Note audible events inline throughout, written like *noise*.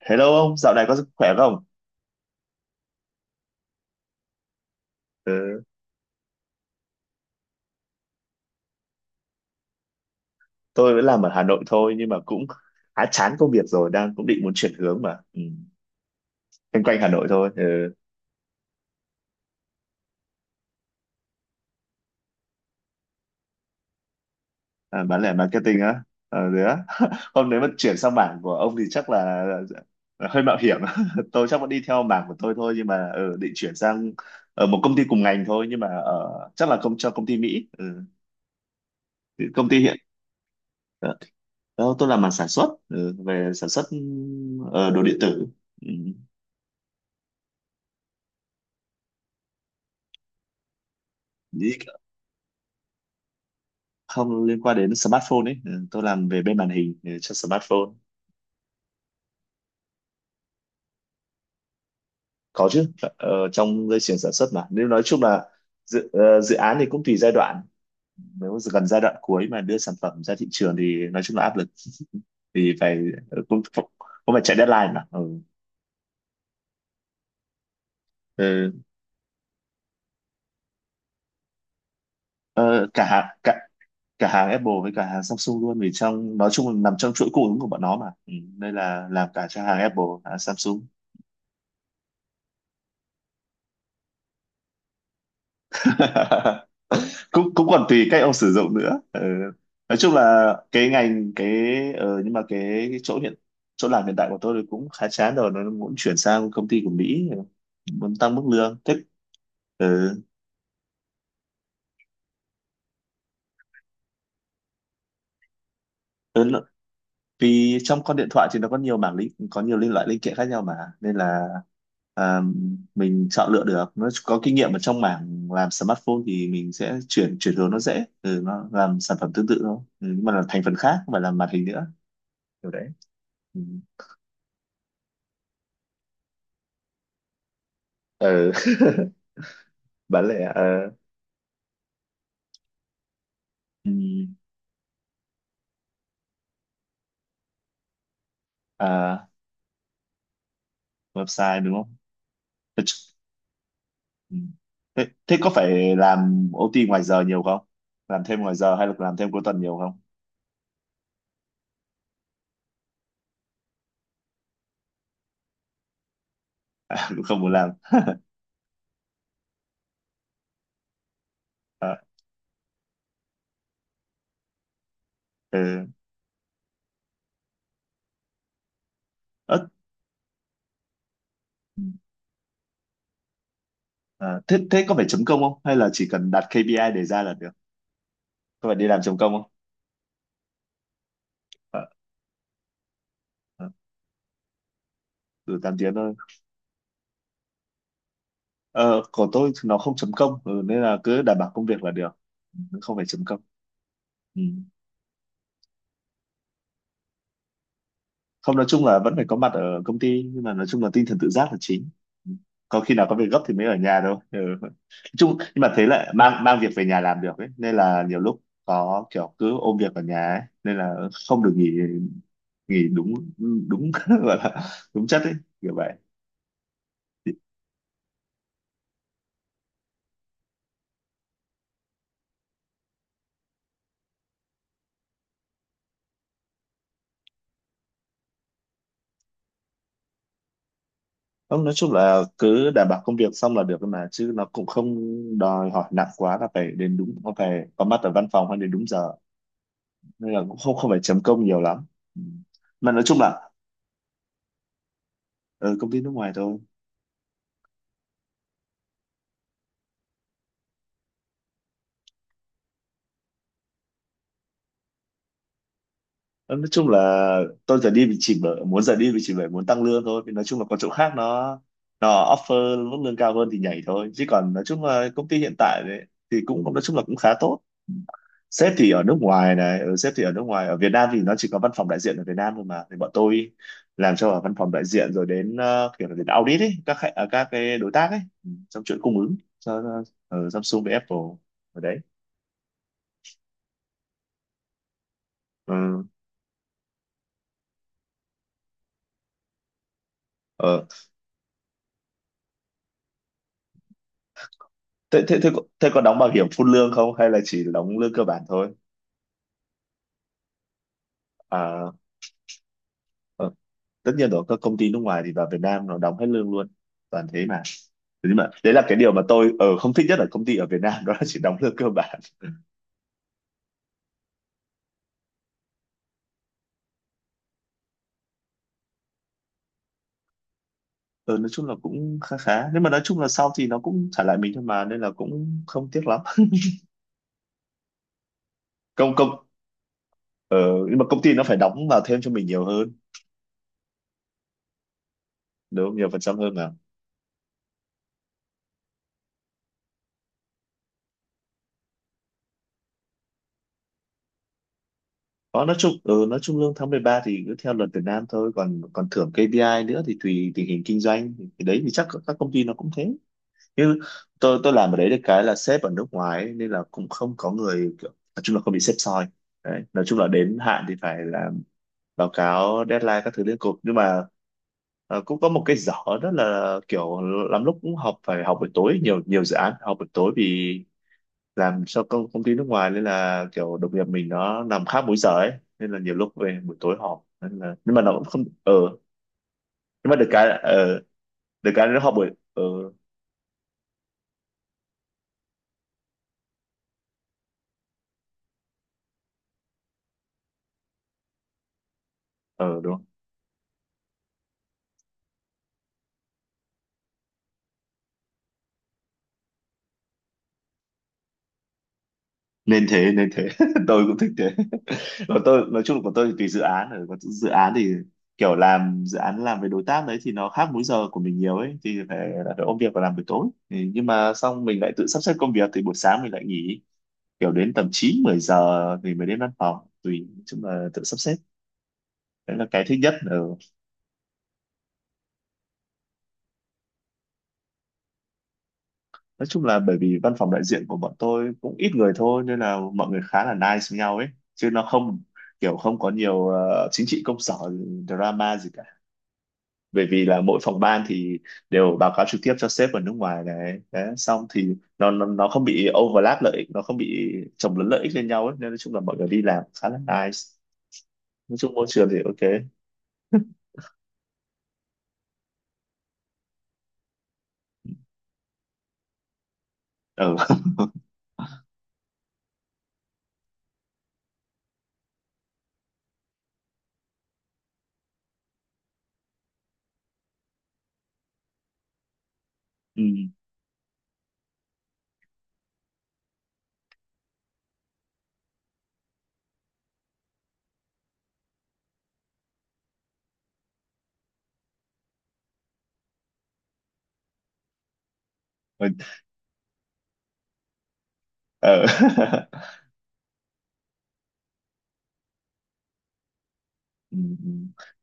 Hello ông, dạo này có sức khỏe không? Ừ, tôi vẫn làm ở Hà Nội thôi nhưng mà cũng khá chán công việc rồi, đang cũng định muốn chuyển hướng mà. Ừ. Quanh quanh Hà Nội thôi, ừ. À, bán lẻ marketing á. Ờ, thế á. *laughs* Hôm nếu mà chuyển sang mảng của ông thì chắc là hơi mạo hiểm. *laughs* Tôi chắc vẫn đi theo mảng của tôi thôi nhưng mà định chuyển sang ở một công ty cùng ngành thôi nhưng mà chắc là không cho công ty Mỹ. Ừ. Thì Công ty hiện ờ, Đó, tôi làm mảng sản xuất, về sản xuất, đồ điện tử. Ừ. Không liên quan đến smartphone ấy. Ừ, tôi làm về bên màn hình cho smartphone. Có chứ. Trong dây chuyền sản xuất mà, nếu nói chung là dự án thì cũng tùy giai đoạn. Nếu gần giai đoạn cuối mà đưa sản phẩm ra thị trường thì nói chung là áp lực *laughs* thì phải cũng cũng phải chạy deadline mà ừ. Ừ. Ờ, cả hàng Apple với cả hàng Samsung luôn, vì trong nói chung là nằm trong chuỗi cung ứng của bọn nó mà ừ. Đây là làm cả cho hàng Apple, hàng Samsung. *laughs* cũng cũng còn tùy cách ông sử dụng nữa ừ. Nói chung là cái ngành, nhưng mà cái chỗ chỗ làm hiện tại của tôi thì cũng khá chán rồi, nó muốn chuyển sang công ty của Mỹ, muốn tăng mức lương thích ừ. Ừ. Vì trong con điện thoại thì nó có nhiều loại linh kiện khác nhau mà, nên là, à, mình chọn lựa được nó có kinh nghiệm ở trong mảng làm smartphone thì mình sẽ chuyển chuyển hướng nó dễ, nó làm sản phẩm tương tự thôi, nhưng mà là thành phần khác không phải là màn hình nữa, kiểu đấy ừ. Ừ. *laughs* Bán lẻ Ừ. À, website đúng không. thế, ch- ừ. thế thế có phải làm OT ngoài giờ nhiều không, làm thêm ngoài giờ hay là làm thêm cuối tuần nhiều không? *laughs* Cũng không muốn làm à, ừ. Ớ. Ừ. À, thế thế có phải chấm công không hay là chỉ cần đặt KPI để ra là được, có phải đi làm chấm công không? À, à, từ 8 tiếng thôi. Ờ, của tôi thì nó không chấm công, nên là cứ đảm bảo công việc là được. Ừ, không phải chấm công. Ừ. Không, nói chung là vẫn phải có mặt ở công ty nhưng mà nói chung là tinh thần tự giác là chính, có khi nào có việc gấp thì mới ở nhà đâu ừ. Nói chung nhưng mà thế lại mang mang việc về nhà làm được ấy, nên là nhiều lúc có kiểu cứ ôm việc ở nhà ấy nên là không được nghỉ, nghỉ đúng, đúng *laughs* gọi là đúng chất ấy, kiểu vậy. Không, nói chung là cứ đảm bảo công việc xong là được thôi mà, chứ nó cũng không đòi hỏi nặng quá là phải đến đúng, không phải có mặt ở văn phòng hay đến đúng giờ, nên là cũng không không phải chấm công nhiều lắm. Ừ. Mà nói chung là ở công ty nước ngoài thôi. Ờ, nói chung là tôi giờ đi vì chỉ bởi muốn tăng lương thôi. Vì nói chung là có chỗ khác nó offer mức lương cao hơn thì nhảy thôi, chứ còn nói chung là công ty hiện tại đấy thì cũng nói chung là cũng khá tốt. Sếp thì ở nước ngoài này, ừ, sếp thì ở nước ngoài ở Việt Nam thì nó chỉ có văn phòng đại diện ở Việt Nam thôi mà, thì bọn tôi làm cho ở văn phòng đại diện, rồi đến kiểu là đến audit ấy các cái đối tác ấy, trong chuỗi cung ứng cho Samsung với Apple ở đấy. Ừ. Ờ. Thế có đóng bảo hiểm phun lương không hay là chỉ đóng lương cơ bản thôi? À, ờ, tất nhiên rồi, các công ty nước ngoài thì vào Việt Nam nó đóng hết lương luôn, toàn thế mà. Thế nhưng mà đấy là cái điều mà tôi ở không thích nhất ở công ty ở Việt Nam, đó là chỉ đóng lương cơ bản. Ờ, nói chung là cũng khá khá, nhưng mà nói chung là sau thì nó cũng trả lại mình thôi mà, nên là cũng không tiếc lắm. Công công ờ, Nhưng mà công ty nó phải đóng vào thêm cho mình nhiều hơn đúng không? Nhiều phần trăm hơn mà. Có, nói chung lương tháng 13 thì cứ theo luật Việt Nam thôi, còn còn thưởng KPI nữa thì tùy tình hình kinh doanh, thì đấy thì chắc các công ty nó cũng thế chứ. Tôi làm ở đấy được cái là sếp ở nước ngoài ấy, nên là cũng không có người kiểu, nói chung là không bị sếp soi, đấy nói chung là đến hạn thì phải làm báo cáo deadline các thứ liên cục, nhưng mà cũng có một cái dở, đó là kiểu lắm lúc cũng học phải học buổi tối nhiều, nhiều dự án phải học buổi tối vì làm cho công công ty nước ngoài, nên là kiểu đồng nghiệp mình nó nằm khác múi giờ ấy, nên là nhiều lúc về buổi tối họp, nên là nhưng mà nó cũng không nhưng mà được cái là nó họp buổi ờ đúng. Nên thế *laughs* tôi cũng thích thế. Còn tôi nói chung là của tôi thì tùy dự án rồi, còn dự án thì kiểu làm dự án làm với đối tác đấy thì nó khác múi giờ của mình nhiều ấy thì phải ôm việc và làm buổi tối thì, nhưng mà xong mình lại tự sắp xếp công việc thì buổi sáng mình lại nghỉ, kiểu đến tầm chín 10 giờ thì mới đến văn phòng, tùy, nói chung là tự sắp xếp. Đấy là cái thích nhất ở. Nói chung là bởi vì văn phòng đại diện của bọn tôi cũng ít người thôi, nên là mọi người khá là nice với nhau ấy, chứ nó không kiểu, không có nhiều chính trị công sở, drama gì cả, bởi vì là mỗi phòng ban thì đều báo cáo trực tiếp cho sếp ở nước ngoài này đấy, xong thì nó không bị overlap lợi ích, nó không bị chồng lấn lợi ích lên nhau ấy, nên nói chung là mọi người đi làm khá là nice, nói chung môi trường thì ok. Ừ. *laughs* Ừ. Ừ. Ừ. *laughs* Ừ. Ừ.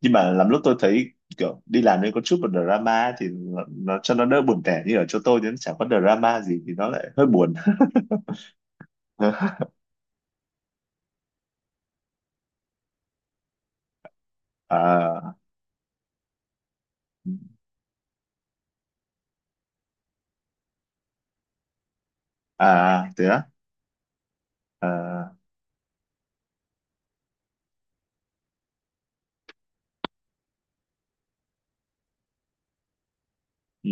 Nhưng mà lắm lúc tôi thấy kiểu đi làm nên có chút một drama ấy thì nó cho nó đỡ buồn tẻ, như ở chỗ tôi thì nó chẳng có drama gì thì nó lại hơi buồn. *laughs* À, à thế á. À, ừ.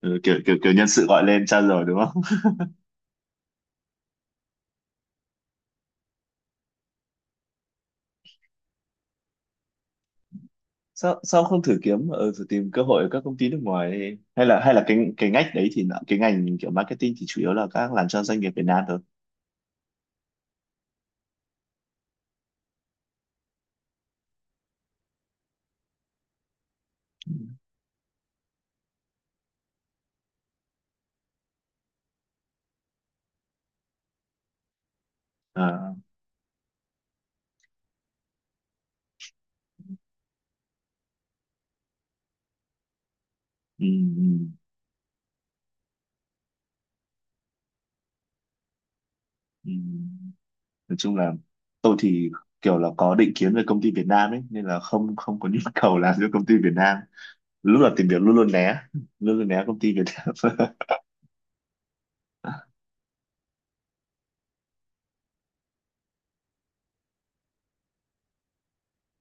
Ừ, kiểu kiểu kiểu nhân sự gọi lên tra rồi đúng không? *laughs* Sao sao không thử kiếm ở thử tìm cơ hội ở các công ty nước ngoài đi? Hay là hay là cái ngách đấy thì cái ngành kiểu marketing thì chủ yếu là các làm cho doanh nghiệp Việt Nam thôi. À, ừ, ừ, ừ. Nói chung là tôi thì kiểu là có định kiến về công ty Việt Nam ấy, nên là không không có nhu cầu làm cho công ty Việt Nam. Lúc là tìm việc luôn luôn né, *laughs* luôn luôn né công ty Việt Nam. *laughs*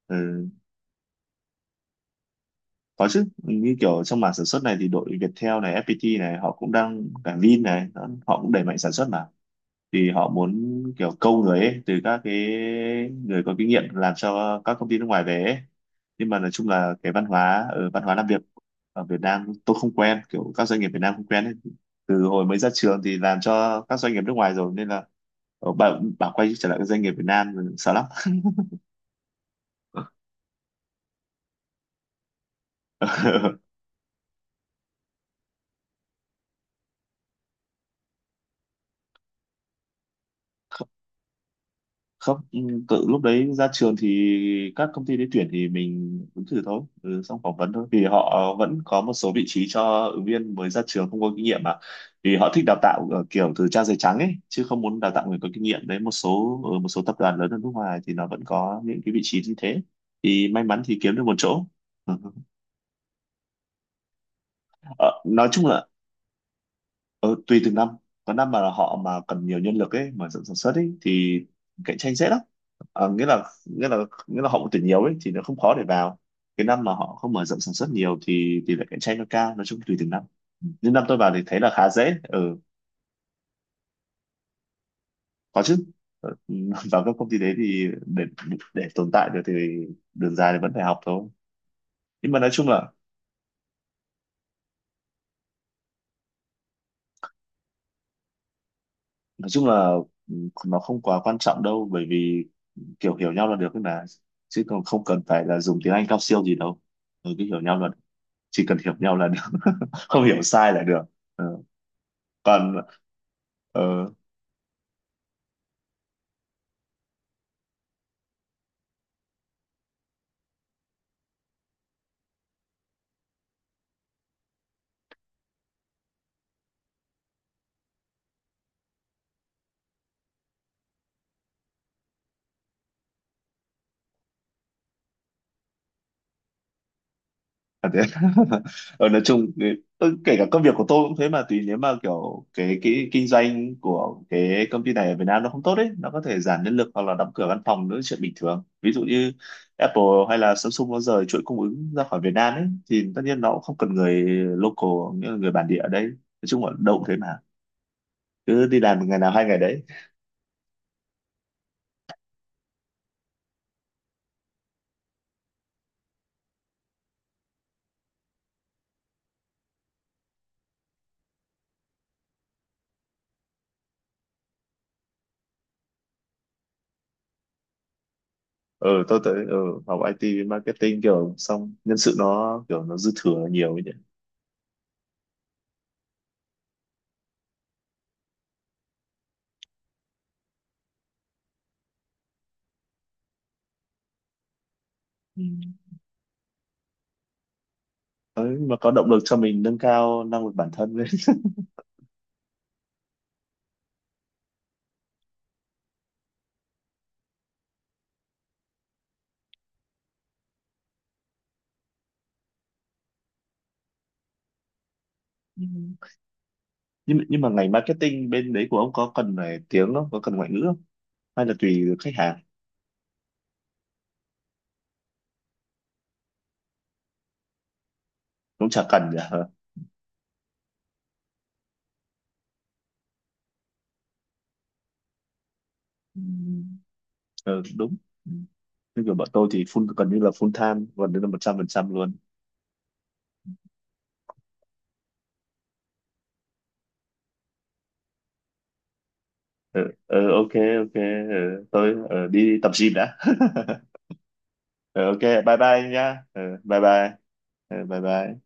Ừ. Có chứ, như kiểu trong mảng sản xuất này thì đội Viettel này, FPT này, họ cũng đang, cả Vin này đó, họ cũng đẩy mạnh sản xuất mà, thì họ muốn kiểu câu người ấy, từ các cái người có kinh nghiệm làm cho các công ty nước ngoài về ấy. Nhưng mà nói chung là cái văn hóa làm việc ở Việt Nam tôi không quen, kiểu các doanh nghiệp Việt Nam không quen ấy, từ hồi mới ra trường thì làm cho các doanh nghiệp nước ngoài rồi, nên là bảo quay trở lại các doanh nghiệp Việt Nam sợ lắm. *laughs* Không, tự lúc đấy ra trường thì các công ty đấy tuyển thì mình ứng thử thôi, xong phỏng vấn thôi vì họ vẫn có một số vị trí cho ứng viên mới ra trường không có kinh nghiệm mà, vì họ thích đào tạo ở kiểu từ trang giấy trắng ấy chứ không muốn đào tạo người có kinh nghiệm, đấy một số ở một số tập đoàn lớn ở nước ngoài thì nó vẫn có những cái vị trí như thế, thì may mắn thì kiếm được một chỗ. *laughs* Ờ, nói chung là Ờ, tùy từng năm, có năm mà họ mà cần nhiều nhân lực ấy, mở rộng sản xuất ấy thì cạnh tranh dễ lắm, à, nghĩa là họ cũng tuyển nhiều ấy thì nó không khó để vào, cái năm mà họ không mở rộng sản xuất nhiều thì tỷ lệ cạnh tranh nó cao, nói chung tùy từng năm. Nhưng năm tôi vào thì thấy là khá dễ ừ. Có chứ. Ờ, *laughs* vào các công ty đấy thì để tồn tại được thì đường dài thì vẫn phải học thôi. Nhưng mà nói chung là ừ, nó không quá quan trọng đâu bởi vì kiểu hiểu nhau là được ấy mà, chứ còn không cần phải là dùng tiếng Anh cao siêu gì đâu. Ừ, cứ hiểu nhau là chỉ cần hiểu nhau là được. *laughs* Không hiểu sai là được. Ừ. còn ờ, À, thế. *laughs* Ờ, nói chung kể cả công việc của tôi cũng thế mà, tùy, nếu mà kiểu cái kinh doanh của cái công ty này ở Việt Nam nó không tốt ấy, nó có thể giảm nhân lực hoặc là đóng cửa văn phòng nữa, chuyện bình thường, ví dụ như Apple hay là Samsung nó rời chuỗi cung ứng ra khỏi Việt Nam ấy thì tất nhiên nó cũng không cần người local, nghĩa là người bản địa ở đây, nói chung là đâu cũng thế mà, cứ đi làm ngày nào hai ngày đấy. Ừ, tôi tới, học IT marketing kiểu xong nhân sự nó kiểu nó dư thừa nhiều ấy. Nhỉ. Đấy, mà có động lực cho mình nâng cao năng lực bản thân lên. *laughs* Ừ. Nhưng mà ngành marketing bên đấy của ông có cần ngoại ngữ không, hay là tùy khách hàng? Cũng chả cần nhỉ. *laughs* Ờ. Ừ. Ờ, đúng. Ừ. Như kiểu bọn tôi thì full time gần như là 100% luôn. ờ, ok ok, tôi đi tập gym đã. *laughs* Ờ, ok, bye bye nhá. Ờ, Bye bye. Bye bye.